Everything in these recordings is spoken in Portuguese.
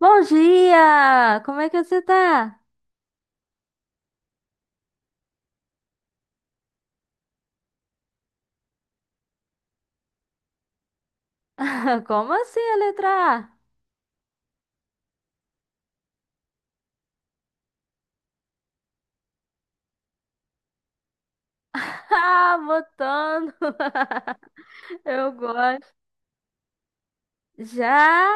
Bom dia! Como é que você tá? Como assim a letra A? Ah, botando. Eu gosto. Já?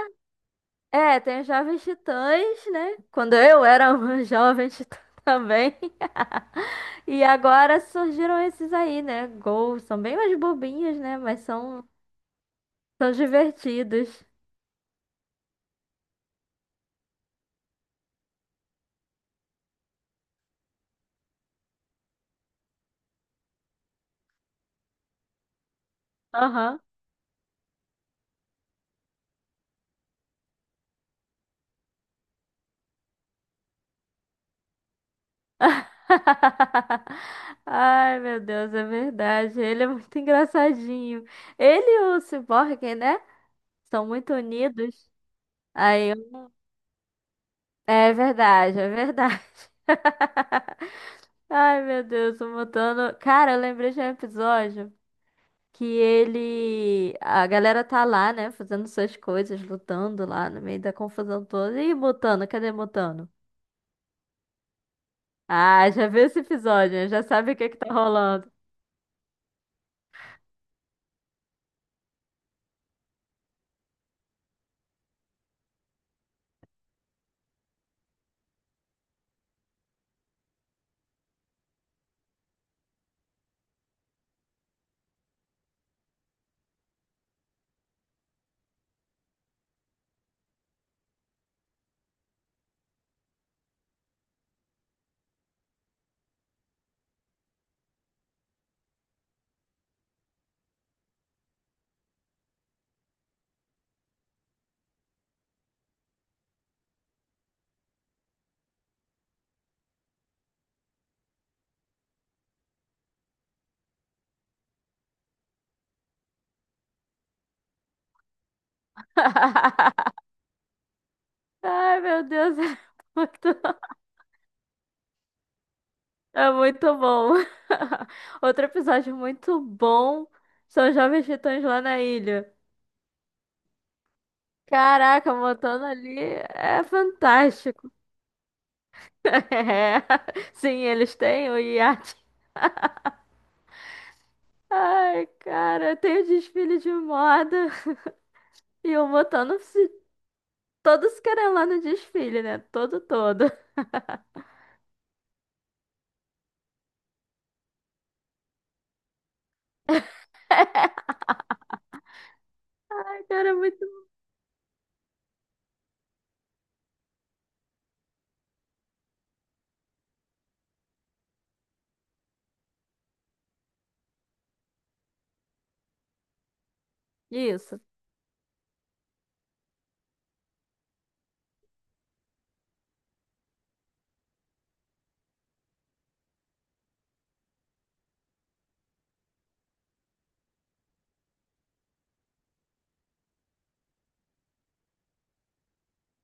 É, tem os Jovens Titãs, né? Quando eu era uma jovem titã também. E agora surgiram esses aí, né? Gols. São bem mais bobinhos, né? Mas são, são divertidos. Aham. Ai, meu Deus, é verdade. Ele é muito engraçadinho. Ele e o Cyborg, né? São muito unidos. Aí, eu- É verdade, é verdade. Ai, meu Deus, o Mutano. Cara, eu lembrei de um episódio que ele. A galera tá lá, né? Fazendo suas coisas, lutando lá no meio da confusão toda. Ih, Mutano, cadê Mutano? Ah, já viu esse episódio, né? Já sabe o que que tá rolando. Ai, meu Deus, é muito, é muito bom. Outro episódio muito bom são os Jovens Titãs lá na ilha. Caraca, montando ali é fantástico. É. Sim, eles têm o iate. Ai, cara, tem o desfile de moda e o Montano se todos querem lá no desfile, né? Todo, todo. Ai, Cara, é muito bom. Isso.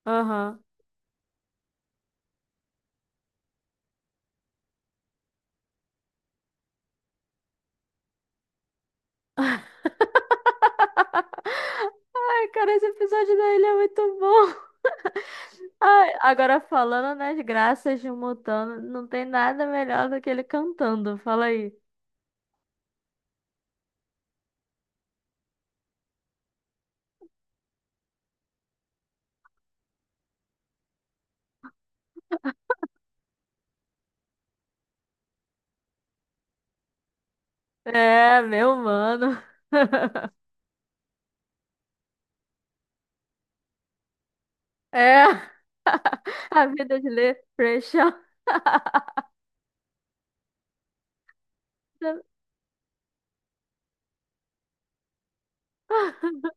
Aham. Ai, cara, esse episódio da ilha é muito bom. Ai, agora falando nas graças de um Montano, não tem nada melhor do que ele cantando. Fala aí. É, meu mano. É a vida de ler Pressure.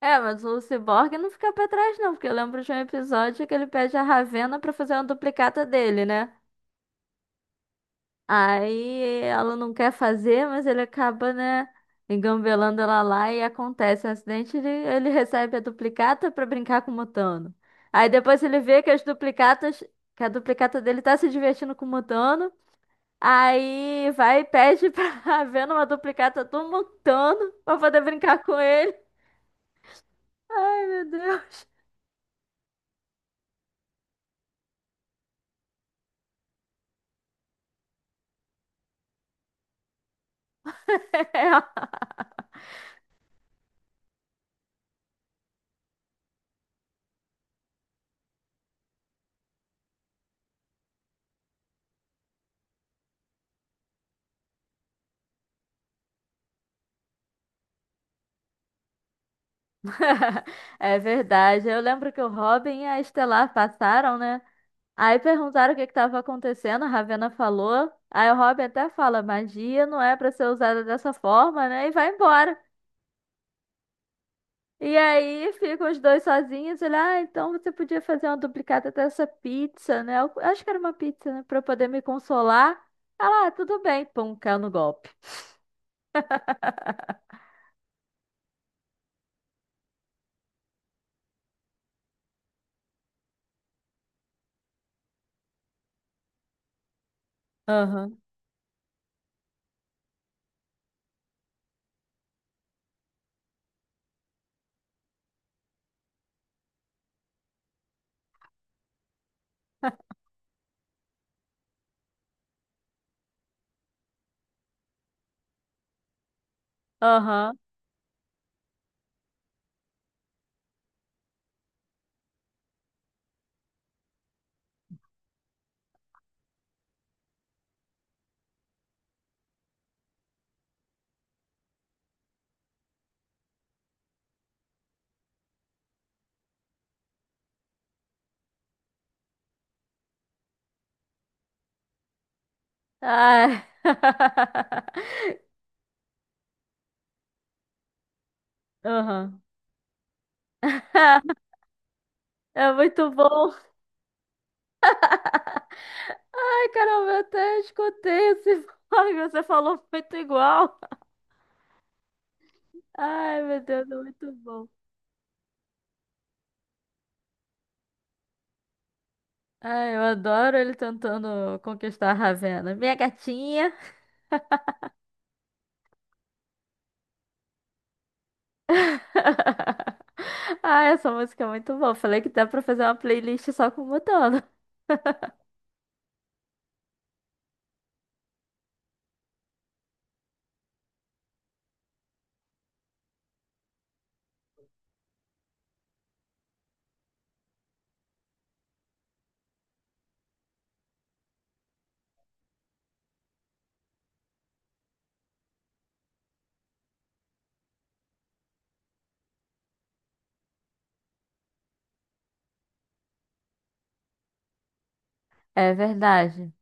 É, mas o Cyborg não fica pra trás, não, porque eu lembro de um episódio que ele pede a Ravenna pra fazer uma duplicata dele, né? Aí ela não quer fazer, mas ele acaba, né, engambelando ela lá e acontece um acidente, ele recebe a duplicata pra brincar com o Mutano. Aí depois ele vê que as duplicatas, que a duplicata dele tá se divertindo com o Mutano. Aí vai e pede pra ver numa duplicata do Montano pra poder brincar com ele. Ai, meu Deus. É verdade. Eu lembro que o Robin e a Estelar passaram, né? Aí perguntaram o que que estava acontecendo, a Ravena falou. Aí o Robin até fala, magia não é pra ser usada dessa forma, né? E vai embora. E aí ficam os dois sozinhos. Ele, ah, então você podia fazer uma duplicata dessa pizza, né? Eu acho que era uma pizza, né? Pra eu poder me consolar. Ela, ah, tudo bem. Pum, caiu no golpe. Aham. Aham. Ai. Aham. É muito bom. Ai, caramba, eu até escutei esse fone que você falou muito igual. Ai, meu Deus, é muito bom. Ai, eu adoro ele tentando conquistar a Ravena. Minha gatinha. Ah, essa música é muito boa. Falei que dá pra fazer uma playlist só com Mutano. É verdade.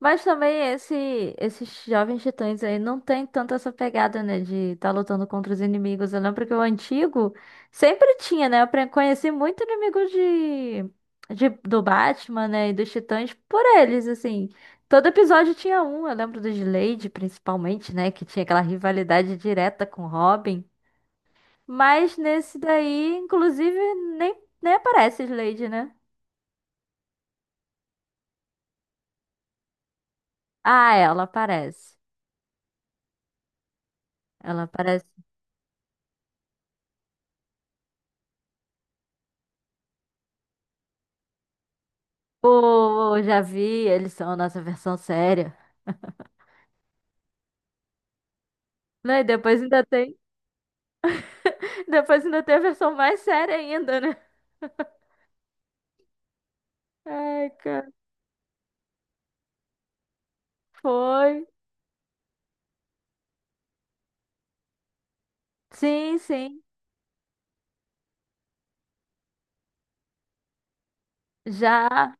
Mas também esse, esses jovens titãs aí não tem tanto essa pegada, né? De estar lutando contra os inimigos. Eu lembro que o antigo sempre tinha, né? Eu pre- conheci muito inimigo do Batman, né? E dos titãs por eles, assim. Todo episódio tinha um. Eu lembro do Slade, principalmente, né? Que tinha aquela rivalidade direta com Robin. Mas nesse daí, inclusive, nem, nem aparece Slade, né? Ah, ela aparece. Ela aparece. Pô, já vi, eles são a nossa versão séria. Né? E depois ainda tem. Depois ainda tem a versão mais séria ainda, né? Ai, cara. Foi. Sim, sim. Já.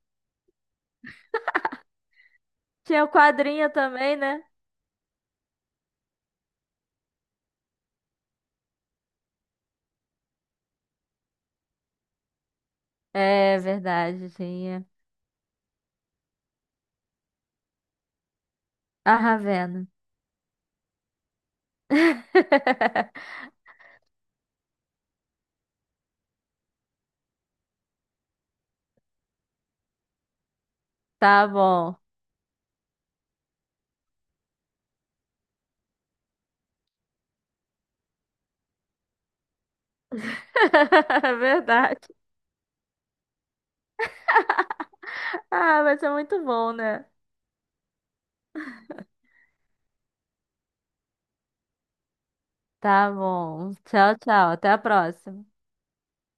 Tinha o quadrinho também, né? É verdade, tinha. A Ravena. Tá bom. É verdade. Ah, vai ser muito bom, né? Tá bom. Tchau, tchau. Até a próxima.